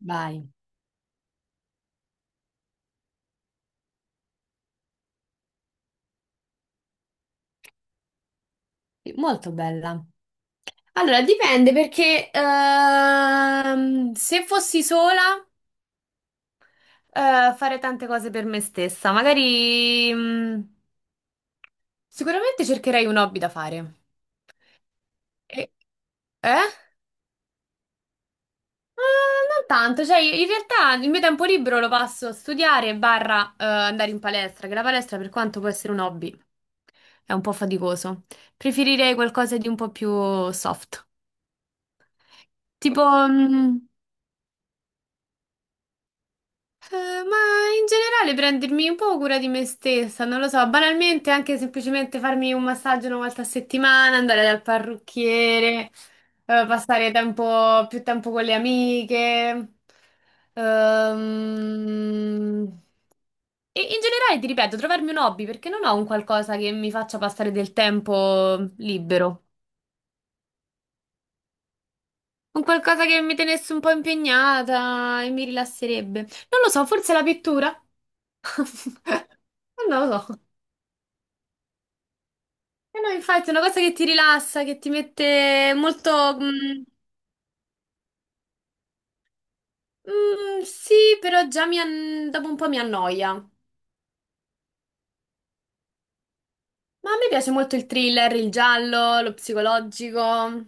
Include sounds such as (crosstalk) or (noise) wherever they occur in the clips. Vai, molto bella. Allora, dipende perché se fossi sola fare tante cose per me stessa, magari, sicuramente cercherei un hobby da fare. E- eh? Non tanto, cioè in realtà il mio tempo libero lo passo a studiare barra andare in palestra, che la palestra per quanto può essere un hobby è un po' faticoso. Preferirei qualcosa di un po' più soft. Tipo, mm, Eh, ma in generale prendermi un po' cura di me stessa, non lo so, banalmente anche semplicemente farmi un massaggio una volta a settimana, andare dal parrucchiere, più tempo con le amiche. Ehm, E in generale, ti ripeto, trovarmi un hobby perché non ho un qualcosa che mi faccia passare del tempo libero. Un qualcosa che mi tenesse un po' impegnata e mi rilasserebbe. Non lo so, forse la pittura? (laughs) Non lo so. Eh no, infatti, è una cosa che ti rilassa, che ti mette molto. Mm, sì, però dopo un po' mi annoia. Ma a me piace molto il thriller, il giallo, lo psicologico.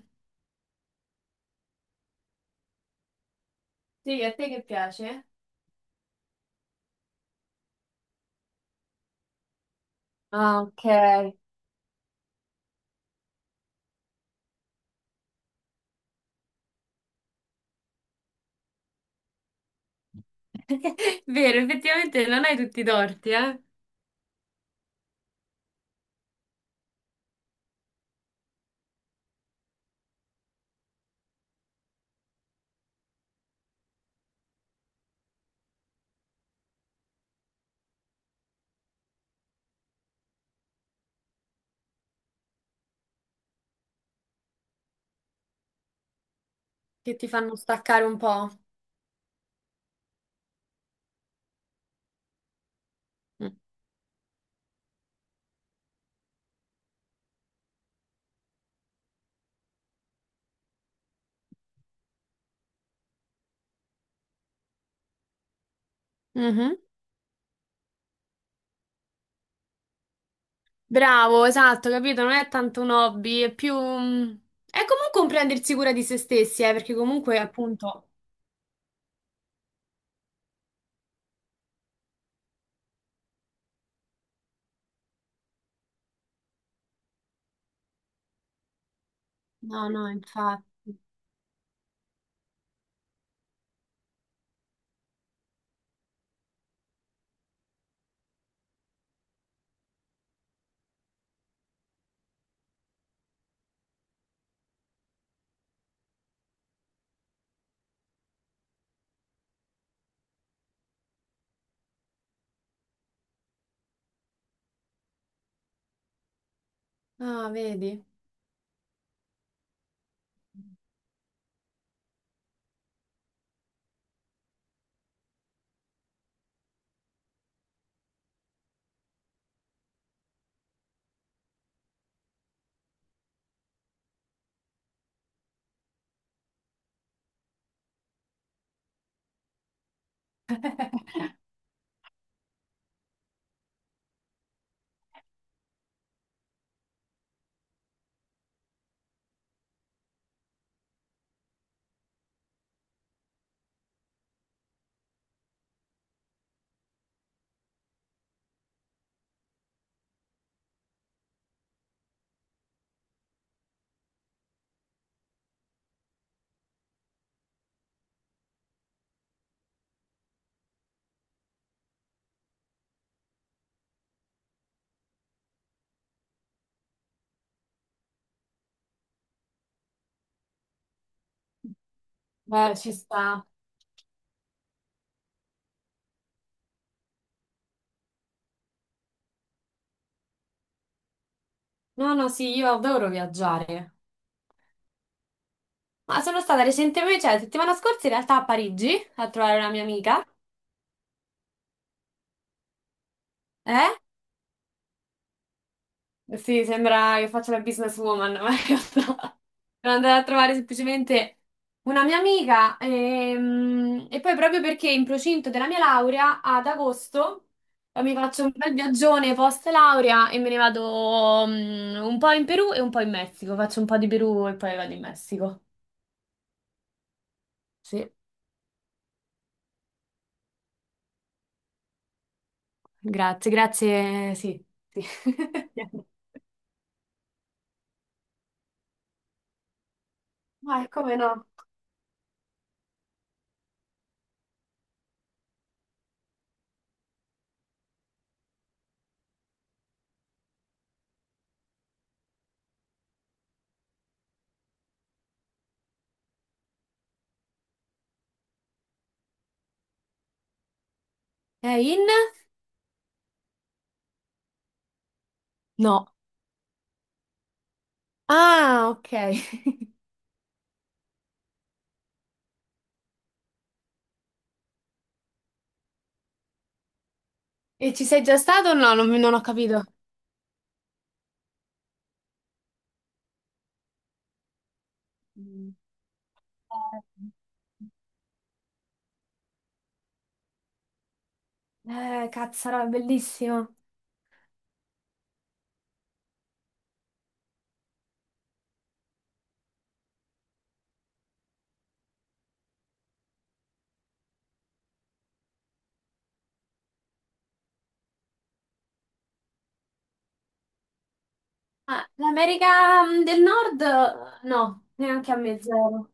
Sì, a te che piace? Ah, ok. (laughs) Vero, effettivamente non hai tutti i torti, eh? Che ti fanno staccare un po'. Mm. Mhm. Bravo, esatto, capito? Non è tanto un hobby, è più. È comunque un prendersi cura di se stessi, perché comunque, appunto... No, no, infatti. Ah, vedi? Beh, ci sta. No, no, sì, io adoro viaggiare. Ma sono stata recentemente, cioè la settimana scorsa in realtà a Parigi a trovare una mia amica. Eh? Sì, sembra che faccia la businesswoman, ma in realtà sono andata a trovare semplicemente una mia amica e, poi proprio perché in procinto della mia laurea ad agosto mi faccio un bel viaggione post laurea e me ne vado un po' in Perù e un po' in Messico. Faccio un po' di Perù e poi vado in Messico. Sì, grazie, sì, sì. (laughs) Ma come no? È in? No, Ah, ok. (laughs) E ci sei già stato o no? Non ho capito. Mm. Cazzarola, è bellissimo. Ah, l'America del Nord, no, neanche a me zero.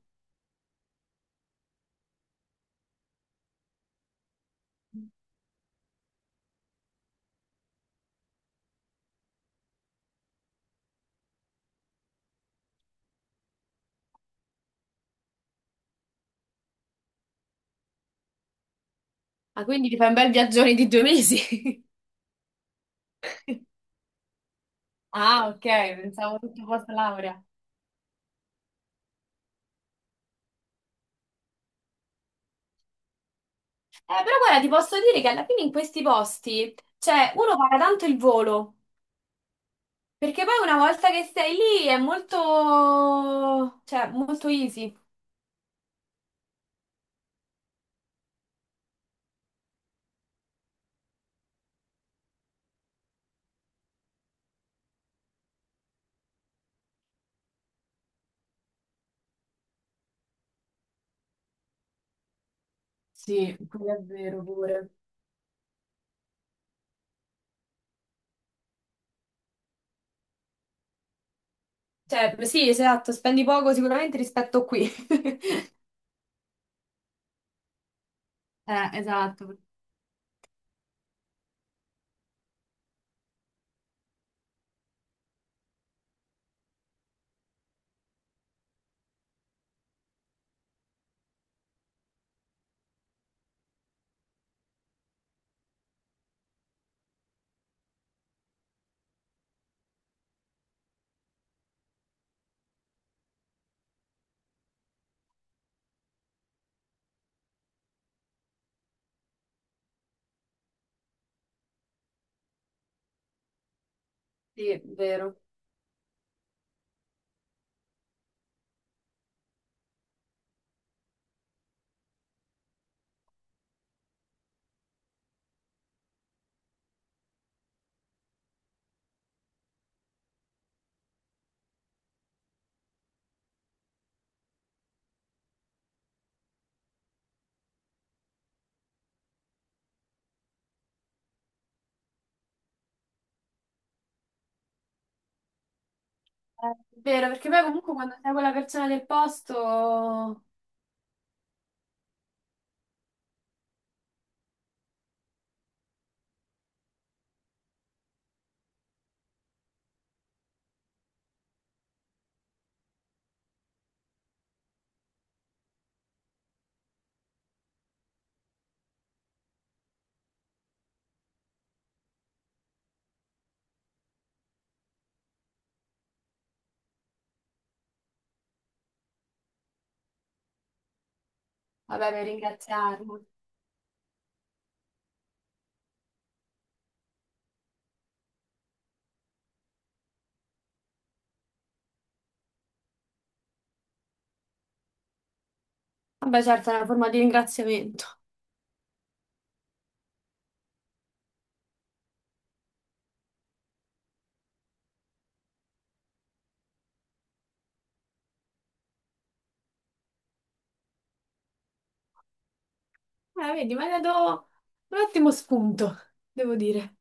Ah, quindi ti fai un bel viaggione di due mesi. (laughs) Ah, ok, pensavo tutto post laurea. Però guarda, ti posso dire che alla fine in questi posti, cioè, uno paga tanto il volo, perché poi una volta che sei lì è molto, cioè, molto easy. Sì, quello è vero pure. Cioè, sì, esatto, spendi poco sicuramente rispetto a qui. (laughs) Esatto. Sì, è vero. È vero, perché poi comunque quando sei quella persona del posto, vabbè, per ringraziarlo. Vabbè, certo, è una forma di ringraziamento. Vedi, mi hai dato un ottimo spunto, devo dire.